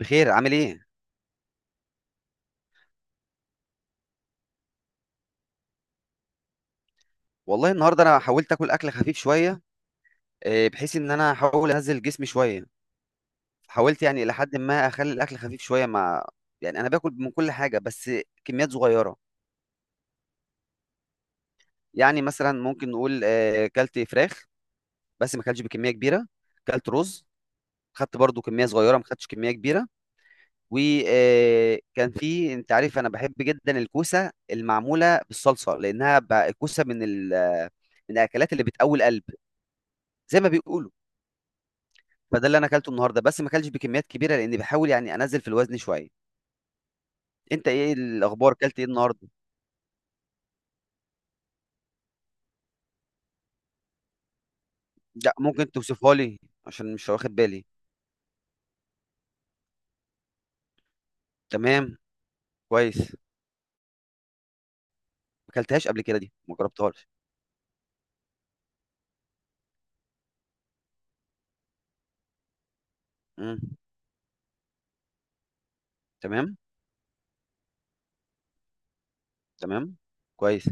بخير، عامل ايه؟ والله النهارده انا حاولت اكل اكل خفيف شويه، بحيث ان انا احاول انزل جسمي شويه. حاولت يعني الى حد ما اخلي الاكل خفيف شويه، مع يعني انا باكل من كل حاجه بس كميات صغيره. يعني مثلا ممكن نقول كلت فراخ بس ما كلتش بكميه كبيره. كلت رز، خدت برضو كميه صغيره، ما خدتش كميه كبيره. وكان في، انت عارف انا بحب جدا الكوسه المعموله بالصلصه، لانها الكوسه من ال من الاكلات اللي بتقوي القلب، زي ما بيقولوا. فده اللي انا اكلته النهارده بس ما اكلتش بكميات كبيره لاني بحاول يعني انزل في الوزن شويه. انت ايه الاخبار، اكلت ايه النهارده؟ لا، ممكن توصفها لي عشان مش واخد بالي. تمام. كويس، ما اكلتهاش قبل كده، دي ما جربتهاش. امم. تمام. تمام. كويس.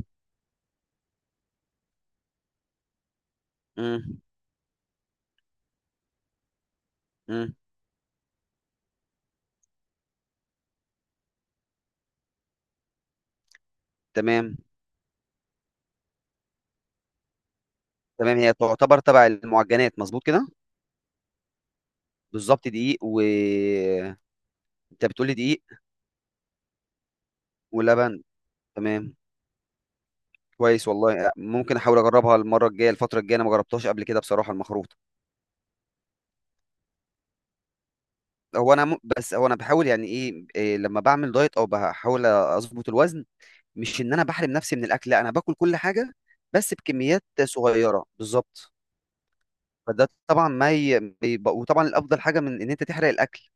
امم. امم. تمام. تمام، هي تعتبر تبع المعجنات، مظبوط كده؟ بالظبط، دقيق و... انت بتقولي دقيق ولبن؟ تمام. كويس، والله ممكن احاول اجربها المره الجايه، الفتره الجايه، انا ما جربتهاش قبل كده بصراحه المخروط. هو انا بس هو انا بحاول، يعني إيه لما بعمل دايت او بحاول اظبط الوزن، مش ان انا بحرم نفسي من الاكل، لا انا باكل كل حاجه بس بكميات صغيره بالظبط. فده طبعا ما ي... بيب- وطبعا الافضل حاجه من ان انت تحرق الاكل.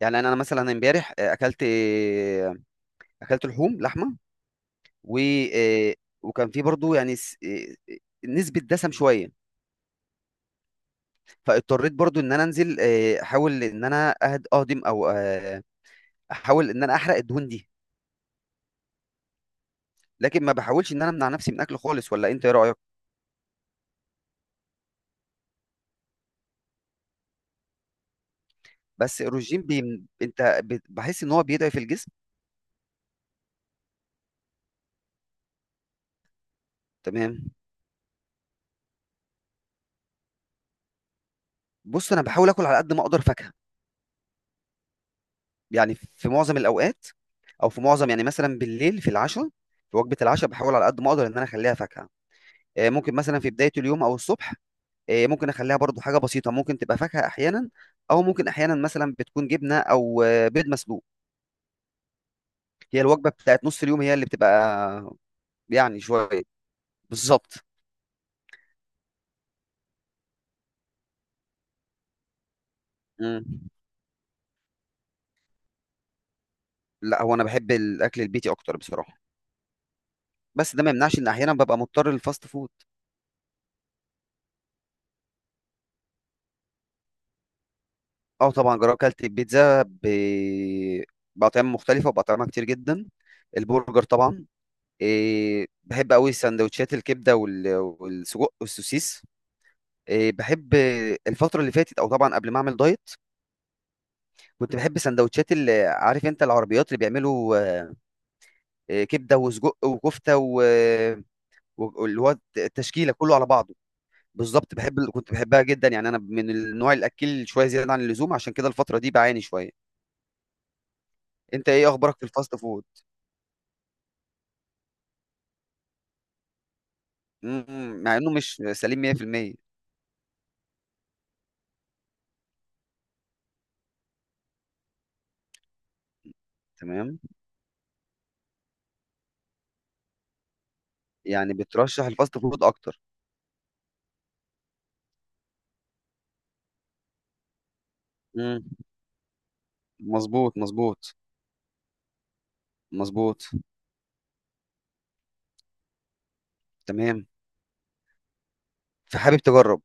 يعني انا مثلا امبارح اكلت اكلت لحوم، لحمه. و آه، وكان في برضو يعني نسبة دسم شوية. فاضطريت برضو ان انا انزل، احاول ان انا اهضم، او احاول ان انا احرق الدهون دي. لكن ما بحاولش ان انا امنع نفسي من اكل خالص، ولا انت ايه رايك؟ بس الرجيم انت بحس ان هو بيضعف الجسم. تمام. بص، انا بحاول اكل على قد ما اقدر فاكهه، يعني في معظم الاوقات، او في معظم يعني مثلا بالليل في العشاء، في وجبه العشاء بحاول على قد ما اقدر ان انا اخليها فاكهه. ممكن مثلا في بدايه اليوم او الصبح، ممكن اخليها برضو حاجه بسيطه، ممكن تبقى فاكهه احيانا، او ممكن احيانا مثلا بتكون جبنه، او بيض مسلوق. هي الوجبه بتاعت نص اليوم هي اللي بتبقى يعني شويه بالظبط. مم. لا، هو انا بحب الاكل البيتي اكتر بصراحه، بس ده ما يمنعش ان احيانا ببقى مضطر للفاست فود. اه طبعا جربت، اكلت البيتزا باطعمه مختلفه، وباطعمه كتير جدا. البرجر طبعا. إيه بحب قوي سندوتشات الكبده والسجق والسوسيس. إيه بحب. الفتره اللي فاتت، او طبعا قبل ما اعمل دايت، كنت بحب سندوتشات اللي عارف انت العربيات اللي بيعملوا كبده وسجق وكفته واللي هو التشكيله كله على بعضه. بالضبط، باحب كنت باحبها جدًا، يعني أنا من النوع الأكّيل شوية زيادة عن اللزوم، عشان كده الفترة دي باعاني شوية. أنت إيه أخبارك في الfast food؟ إمم، إمم، مع إنه مش سليم 100%. تمام، يعني بترشّح الfast food أكتر. إمم، مضبوط، مضبوط، مضبوط. تمام. فحابب تجرّب.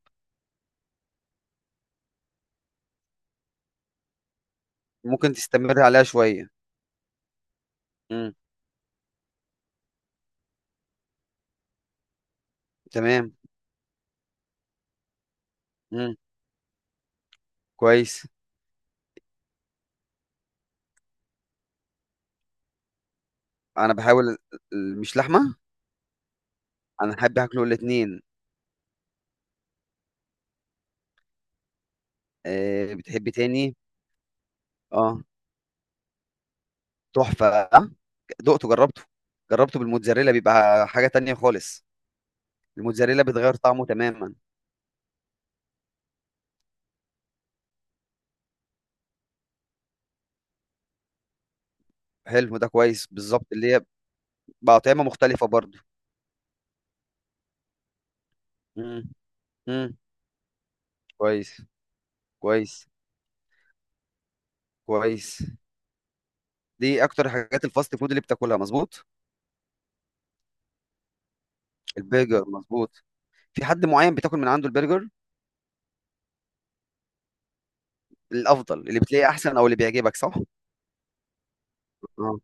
ممكن تستمر عليها شوية. إمم، تمام، إمم، كويس. أنا باحاول. مش لحمة؟ أنا أحب آكله الاتنين. بتحب تاني. آه. تحفة. دقته جربته. جربته بالموتزاريلا بيبقى حاجة تانية خالص. الموتزاريلا بتغير طعمه تماما. حلو ده، كويس، بالظبط اللي هي بقى طعمة مختلفة برضه. مم. مم. كويس. كويس. كويس. دي أكتر حاجات الفاست فود اللي بتاكلها، مظبوط؟ البرجر مظبوط. في حد معين بتاكل من عنده البرجر؟ الأفضل اللي بتلاقيه أحسن أو اللي بيعجبك، صح؟ اه.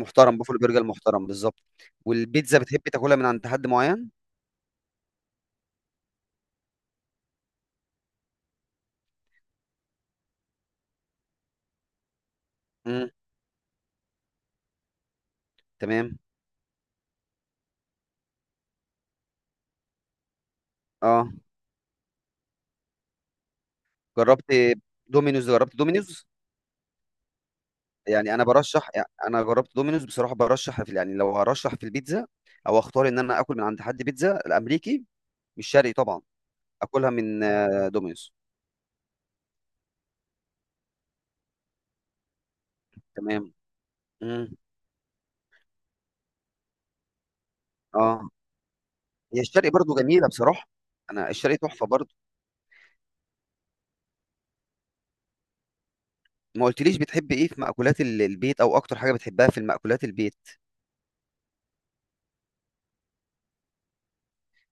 محترم، بوفالو برجر محترم بالظبط. والبيتزا بتحب تاكلها من عند حد معين؟ مم. تمام. اه جربت دومينوز، جربت دومينوز. يعني انا برشح، يعني انا جربت دومينوز بصراحه، برشح في، يعني لو هرشح في البيتزا او اختار ان انا اكل من عند حد بيتزا الامريكي، مش شرقي طبعا، اكلها من دومينوز. تمام. مم. اه، هي الشرقي برضو جميله بصراحه، انا الشرقي تحفه برضو. ما قلتليش بتحب ايه في مأكولات البيت، او اكتر حاجه بتحبها في المأكولات البيت؟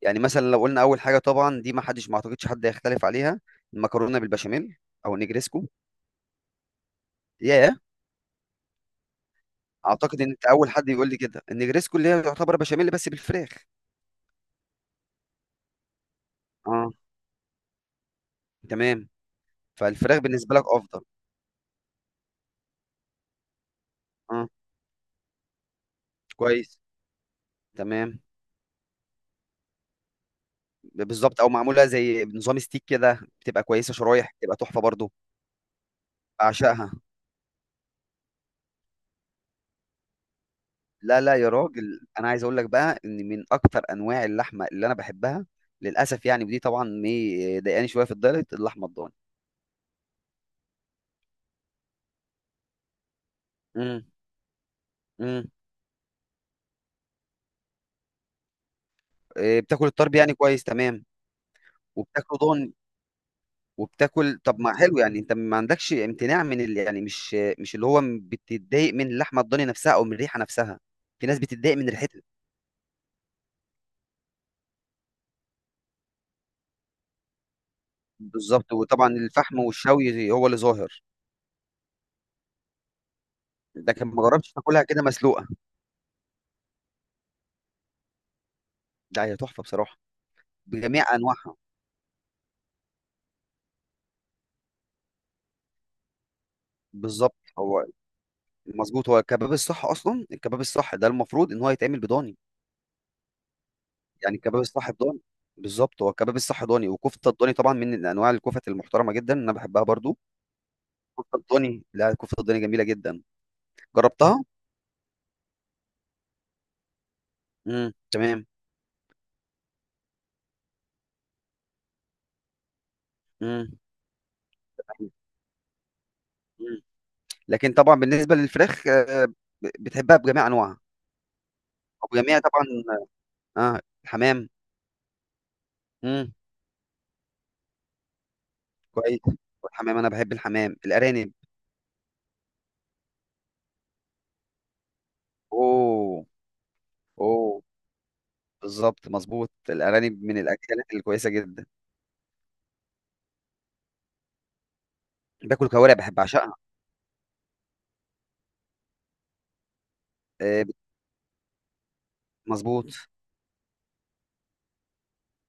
يعني مثلا لو قلنا اول حاجه، طبعا دي ما حدش ما اعتقدش حد هيختلف عليها، المكرونه بالبشاميل، او النجريسكو. ياه. اعتقد ان انت اول حد يقول لي كده، النجريسكو اللي هي يعتبر بشاميل بس بالفراخ. اه تمام، فالفراخ بالنسبه لك افضل. اه كويس، تمام. بالظبط، او معموله زي نظام ستيك كده بتبقى كويسه، شرايح بتبقى تحفه برضو. بعشقها. لا لا يا راجل، انا عايز اقول لك بقى ان من اكتر انواع اللحمه اللي انا بحبها، للاسف يعني، ودي طبعا ايه ضايقاني شويه في الدايت، اللحمه الضاني. امم. امم. إيه، بتاكل الطرب؟ يعني كويس، تمام. وبتاكله ضاني. وبتاكل، طب ما حلو، يعني انت ما عندكش امتناع من يعني مش اللي هو بتتضايق من اللحمه الضاني نفسها او من الريحه نفسها؟ في ناس بتتضايق من ريحتها. بالظبط، وطبعا الفحم والشوي هو اللي ظاهر. لكن ما جربتش تاكلها كده مسلوقه؟ لا هي تحفه بصراحه، بجميع انواعها. بالظبط، هو مظبوط. هو الكباب الصح اصلا، الكباب الصح ده المفروض ان هو يتعمل بضاني. يعني الكباب الصح بضاني. بالظبط، هو الكباب الصح ضاني، وكفته الضاني طبعا من انواع الكفت المحترمه جدا، انا بحبها برضو. كفته الضاني، لا كفته الضاني جميله جدا. جربتها. امم، تمام. امم. مم. لكن طبعا بالنسبه للفراخ، بتحبها بجميع انواعها، وبجميع طبعا. اه الحمام. امم. كويس. والحمام، انا بحب الحمام الارانب. اوه. اوه. بالظبط، مظبوط، الارانب من الاكلات الكويسه جدا. باكل كوارع، بحب، اعشقها. آه بت- مظبوط.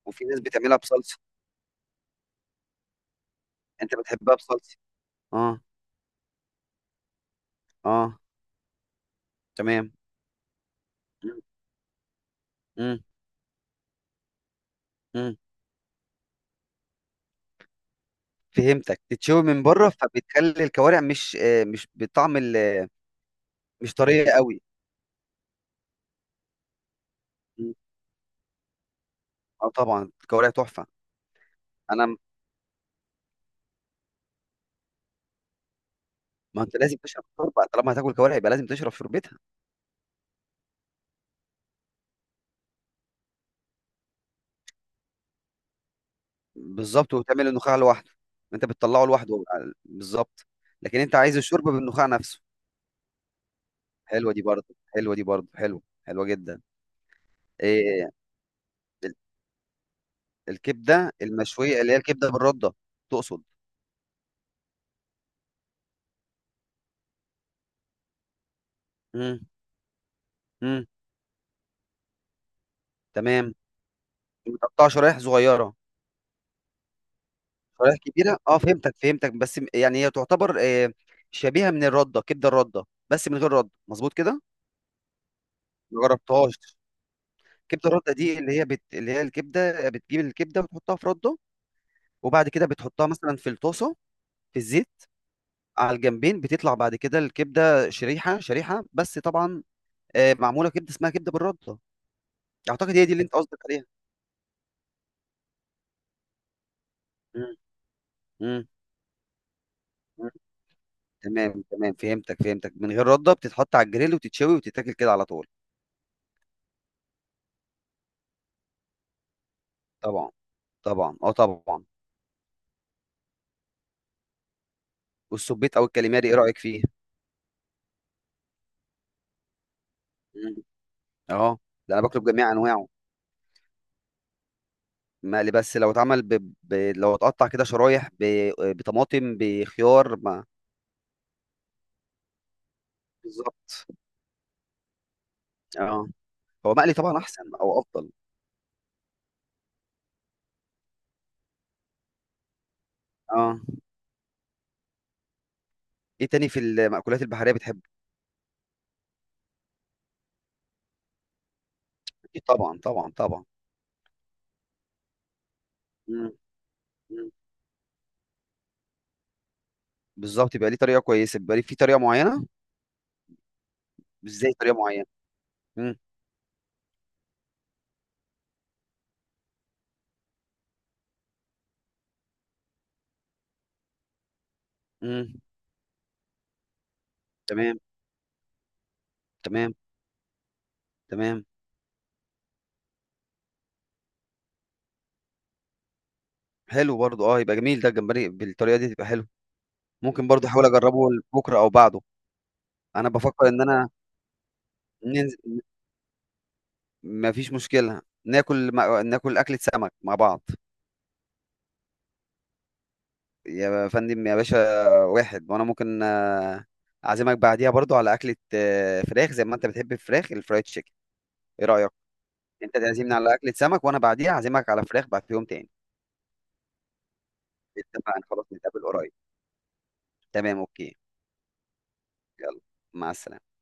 وفي ناس بتعملها بصلصه. انت بتحبها بصلصه؟ اه. اه. تمام. مم. مم. مم. فهمتك، تتشوي من بره فبتخلي الكوارع مش بطعم. مش طريه قوي. مم. اه طبعا الكوارع تحفه. انا م- ما انت لازم تشرب شوربه، طالما هتاكل كوارع يبقى لازم تشرب شوربتها. بالظبط، وتعمل النخاع لوحده. انت بتطلعه لوحده بالظبط. لكن انت عايز الشوربه بالنخاع نفسه. حلوه دي برضه، حلوه دي برضه حلوه، حلوه جدا. إيه الكبده المشويه؟ اللي هي الكبده بالرده. تقصد. امم. امم. تمام. متقطعه شرايح صغيره؟ شرايح كبيره، اه فهمتك، فهمتك. بس يعني هي تعتبر إيه، شبيهه من الرده، كبده الرده بس من غير رده، مظبوط كده؟ ما جربتهاش. كبده رده دي اللي هي الكبده، بتجيب الكبده وتحطها في رده، وبعد كده بتحطها مثلا في الطاسه، في الزيت، على الجنبين، بتطلع بعد كده الكبده شريحه شريحه، بس طبعا معموله كبده اسمها كبده بالرده. اعتقد هي دي اللي انت قصدك عليها. مم. مم. مم. تمام، تمام، فهمتك، فهمتك. من غير رده، بتتحط على الجريل وتتشوي وتتاكل كده على طول. طبعا، طبعا، اه طبعا. والسبيط او الكاليماري، ايه رايك فيه؟ مم. اه، ده انا باكله بجميع انواعه. مقلي بس، لو اتعمل لو اتقطع كده شرايح بطماطم بخيار، ما بالظبط. اه هو مقلي طبعا احسن او افضل. اه، ايه تاني في المأكولات البحرية بتحبه؟ اكيد، طبعا، طبعا، طبعا. مم. مم. بالظبط، يبقى ليه طريقة كويسة، بيبقى ليه في طريقة معينة. ازاي طريقة معينة؟ مم. مم. تمام، تمام، تمام. حلو برضو، اه يبقى جميل ده الجمبري بالطريقة دي، تبقى حلو. ممكن برضو احاول اجربه بكرة او بعده. انا بفكر ان انا ننزل. ما فيش مشكلة، ناكل أكلة سمك مع بعض. يا فندم، يا باشا، واحد، وأنا ممكن أعزمك بعديها برضو على أكلة فراخ، زي ما أنت بتحب الفراخ الفرايد تشيكن. إيه رأيك؟ أنت تعزمني على أكلة سمك، وأنا بعديها أعزمك على فراخ بعد في يوم تاني. اتفقنا، خلاص نتقابل قريب. تمام، أوكي. يلا، مع السلامة.